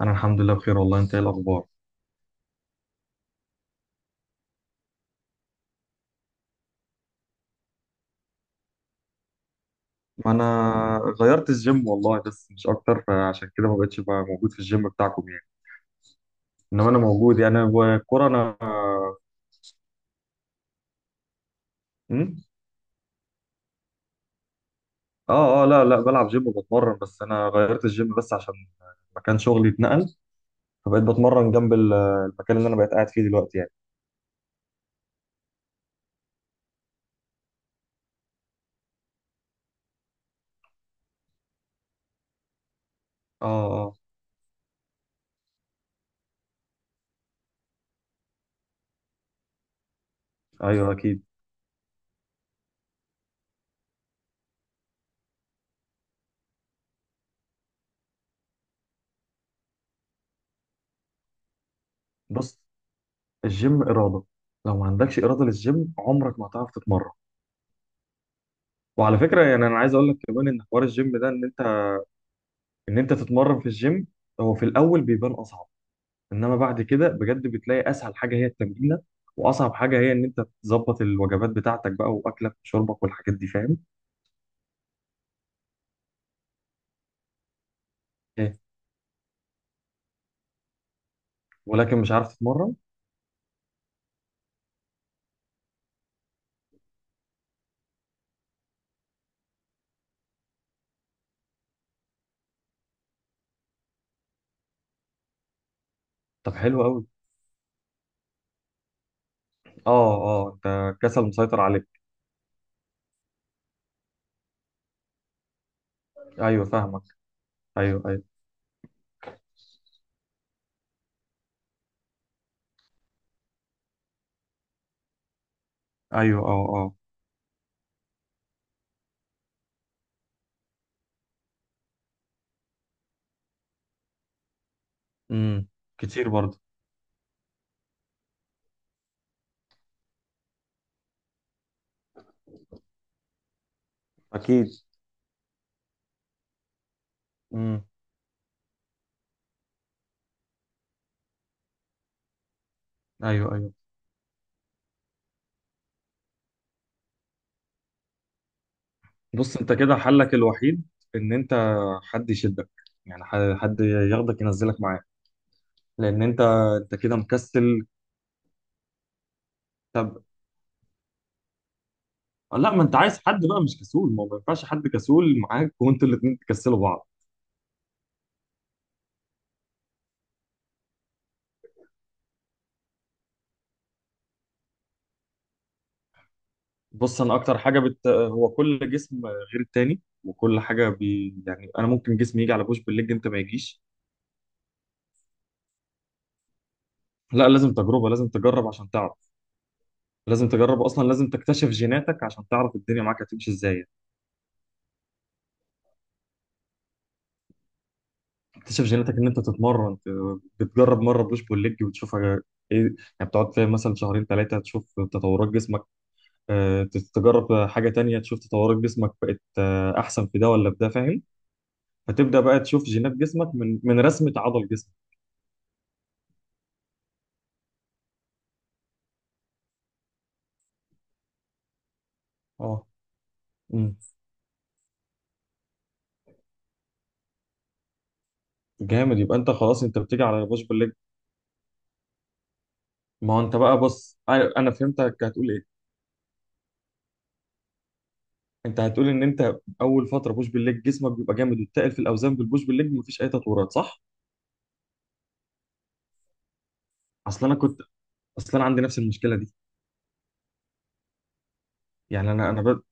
انا الحمد لله بخير والله. انت ايه الاخبار؟ ما انا غيرت الجيم والله، بس مش اكتر، فعشان كده ما بقتش بقى موجود في الجيم بتاعكم يعني. انما انا موجود يعني، والكوره انا... أمم؟ اه اه لا لا بلعب جيم وبتمرن، بس انا غيرت الجيم بس عشان مكان شغلي اتنقل. فبقيت بتمرن جنب المكان اللي انا بقيت قاعد فيه دلوقتي يعني. اه اه ايوه اكيد. بص، الجيم اراده. لو ما عندكش اراده للجيم عمرك ما هتعرف تتمرن. وعلى فكره يعني انا عايز اقول لك كمان ان حوار الجيم ده ان انت تتمرن في الجيم، هو في الاول بيبان اصعب. انما بعد كده بجد بتلاقي اسهل حاجه هي التمرينه، واصعب حاجه هي ان انت تظبط الوجبات بتاعتك بقى واكلك وشربك والحاجات دي، فاهم؟ ايه؟ ولكن مش عارف تتمرن. طب حلو قوي. اه اه، انت كسل مسيطر عليك. ايوه فاهمك. ايوه ايوه. ايوه. اه اه. امم. كتير برضه. اكيد. امم. ايوه ايوه. بص انت كده حلك الوحيد ان انت، حد يشدك. يعني حد ياخدك ينزلك معاه. لان انت كده مكسل. طب لا، ما انت عايز حد بقى مش كسول. ما هو ما ينفعش حد كسول معاك وانتوا الاتنين تكسلوا بعض. بص، انا اكتر حاجه هو كل جسم غير التاني، وكل حاجه يعني انا ممكن جسمي يجي على بوش بالليج، انت ما يجيش. لا، لازم تجربه. لازم تجرب عشان تعرف. لازم تجرب اصلا، لازم تكتشف جيناتك عشان تعرف الدنيا معاك هتمشي ازاي. تكتشف جيناتك ان انت تتمرن، بتجرب مره بوش بول ليج وتشوف ايه يعني، بتقعد فيها مثلا شهرين ثلاثه تشوف تطورات جسمك. آه، تجرب حاجة تانية تشوف تطورات جسمك بقت أحسن في ده ولا في ده، فاهم؟ فتبدأ بقى تشوف جينات جسمك من رسمة عضل جسمك. اه. امم. جامد، يبقى انت خلاص انت بتيجي على بوش بالليج. ما هو انت بقى، بص انا فهمتك هتقول ايه. انت هتقول ان انت اول فتره بوش بالليج جسمك بيبقى جامد، وتقل في الاوزان بالبوش بالليج مفيش اي تطورات، صح؟ اصل انا كنت اصل انا عندي نفس المشكله دي. يعني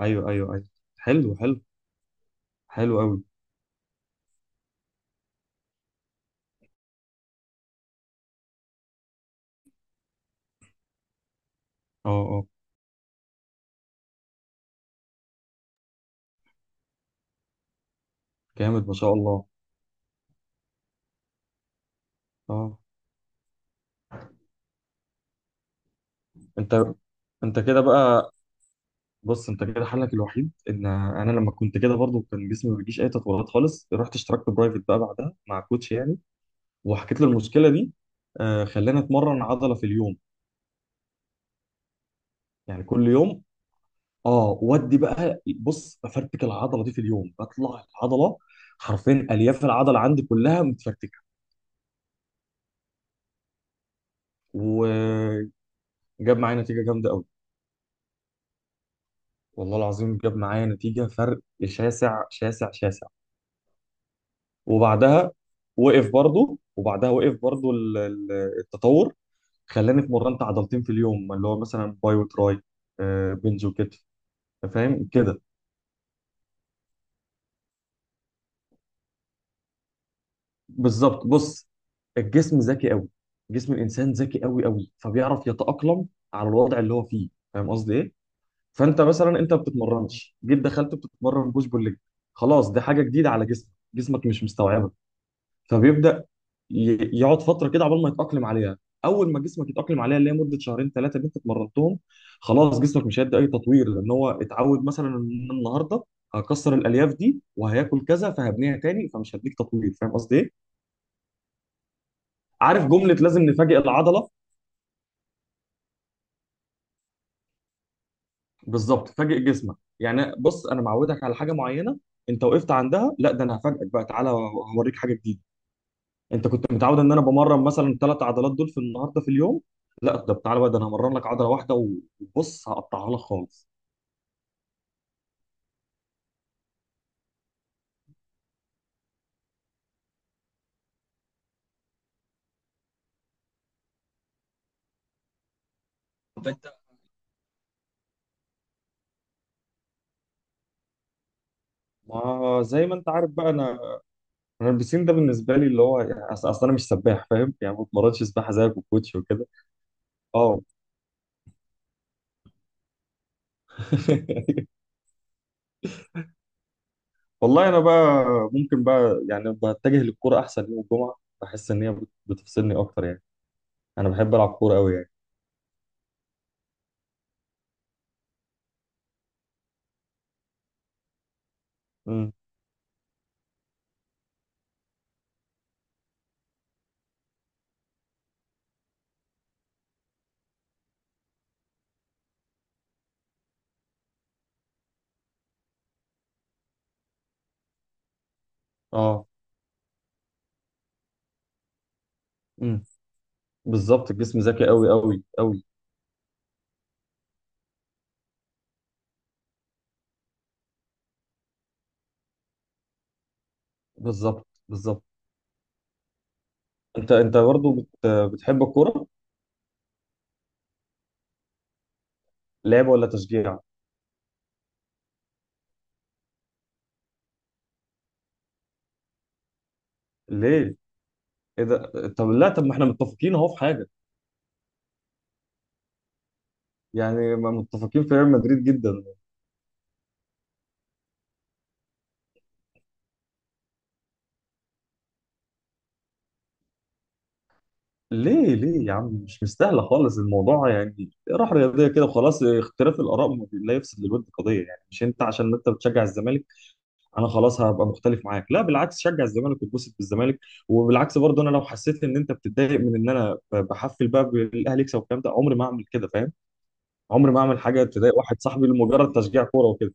ايوه ايوه ايوه. حلو حلو. حلو قوي. اه اه. جامد ما شاء الله. اه. انت انت كده بقى، بص انت كده حلك الوحيد، ان انا لما كنت كده برضو كان جسمي ما بيجيش اي تطورات خالص. رحت اشتركت برايفت بقى بعدها مع كوتش يعني، وحكيت له المشكله دي. آه، خلاني اتمرن عضله في اليوم، يعني كل يوم. اه، ودي بقى بص، بفرتك العضله دي في اليوم، بطلع العضله. حرفيا الياف العضله عندي كلها متفرتكه. وجاب معايا نتيجه جامده قوي. والله العظيم جاب معايا نتيجه، فرق شاسع شاسع شاسع. وبعدها وقف برضو. التطور. خلاني اتمرنت عضلتين في اليوم، اللي هو مثلا باي وتراي، بنج وكتف، فاهم كده. بالظبط. بص، الجسم ذكي قوي. جسم الانسان ذكي قوي قوي، فبيعرف يتاقلم على الوضع اللي هو فيه، فاهم قصدي ايه؟ فانت مثلا انت ما بتتمرنش، جيت دخلت بتتمرن بوش بول ليج، خلاص دي حاجه جديده على جسمك، جسمك مش مستوعبه. فبيبدا يقعد فتره كده عقبال ما يتاقلم عليها. اول ما جسمك يتاقلم عليها، اللي هي مده شهرين ثلاثه اللي انت اتمرنتهم، خلاص جسمك مش هيدي اي تطوير، لان هو اتعود مثلا ان النهارده هكسر الالياف دي وهياكل كذا فهبنيها تاني، فمش هديك تطوير. فاهم قصدي ايه؟ عارف جمله، لازم نفاجئ العضله. بالظبط، فاجئ جسمك. يعني بص، انا معودك على حاجه معينه، انت وقفت عندها، لا ده انا هفاجئك بقى، تعالى هوريك حاجه جديده. انت كنت متعود ان انا بمرن مثلا ثلاث عضلات دول في النهارده في اليوم، لا ده تعالى بقى، ده انا همرن لك عضله واحده وبص هقطعها لك خالص. طب انت، ما زي ما انت عارف بقى، انا البسين ده بالنسبه لي اللي هو يعني، اصل انا مش سباح فاهم، يعني ما بتمرنش سباحه زيك وكوتش وكده. اه. والله انا بقى ممكن بقى، يعني بتجه للكوره احسن يوم الجمعه، بحس ان هي بتفصلني اكتر يعني. انا بحب العب كوره قوي يعني. امم. اه. امم. بالظبط، الجسم ذكي قوي قوي قوي. بالظبط بالظبط. انت برضه بتحب الكوره؟ لعب ولا تشجيع؟ ليه؟ ايه ده؟ طب لا، طب ما احنا متفقين اهو في حاجه يعني، ما متفقين في ريال مدريد جدا. ليه ليه يا عم؟ مش مستاهله خالص الموضوع يعني، راح رياضيه كده وخلاص، اختلاف الاراء ما بي- لا يفسد للود قضيه. يعني مش انت عشان انت بتشجع الزمالك انا خلاص هبقى مختلف معاك، لا بالعكس، شجع الزمالك واتبسط بالزمالك. وبالعكس برضه انا لو حسيت ان انت بتتضايق من ان انا بحفل بقى بالاهلي يكسب والكلام ده، عمري ما اعمل كده فاهم. عمري ما اعمل حاجه تضايق واحد صاحبي لمجرد تشجيع كوره وكده.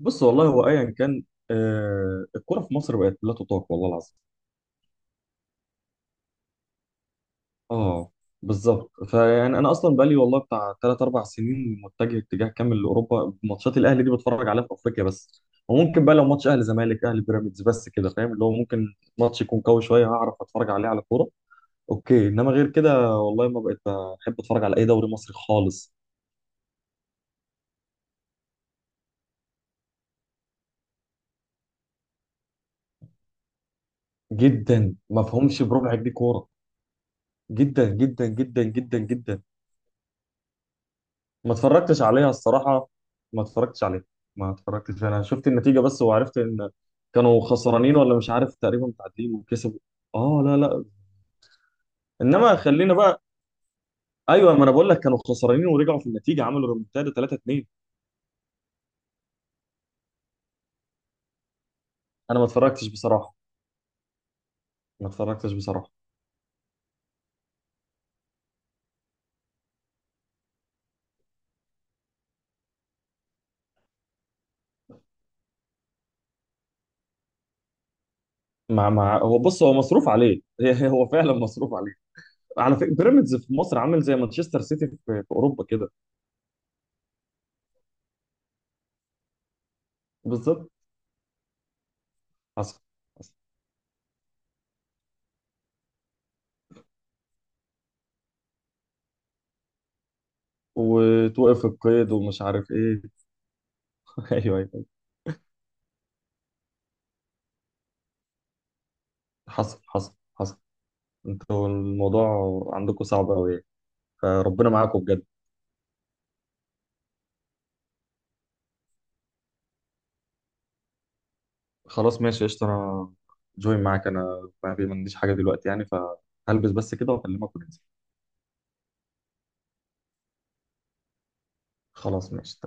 بص والله هو ايا كان، الكوره في مصر بقت لا تطاق والله العظيم. اه بالظبط. فيعني انا اصلا بقالي والله بتاع 3 4 سنين متجه اتجاه كامل لاوروبا. ماتشات الاهلي دي بتفرج عليها في افريقيا بس، وممكن بقى لو ماتش اهلي زمالك، اهلي بيراميدز بس كده، فاهم اللي هو، ممكن ماتش يكون قوي شويه هعرف اتفرج عليه على كوره. اوكي. انما غير كده والله ما بقيت بحب اتفرج على اي دوري مصري خالص. جدا، ما فهمش بربع جنيه كوره. جدا جدا جدا جدا جدا. ما اتفرجتش عليها الصراحة. ما اتفرجتش عليها. ما اتفرجتش، انا شفت النتيجة بس، وعرفت ان كانوا خسرانين ولا مش عارف، تقريبا متعادلين وكسبوا. اه لا لا. انما خلينا بقى، ايوه، ما انا بقول لك كانوا خسرانين ورجعوا في النتيجة، عملوا ريمونتادا 3-2. انا ما اتفرجتش بصراحة. ما اتفرجتش بصراحة. مع مع هو بص هو مصروف عليه. هو فعلا مصروف عليه. على فكرة بيراميدز في مصر عامل زي مانشستر سيتي في اوروبا كده. بالظبط. حصل حصل. وتوقف القيد ومش عارف ايه. ايوه ايوه. حصل حصل حصل. انتوا الموضوع عندكم صعب قوي يعني. فربنا معاكم بجد. خلاص ماشي قشطة. انا جوين معاك، انا ما عنديش حاجة دلوقتي يعني، فهلبس بس كده واكلمك وننزل. خلاص ماشي.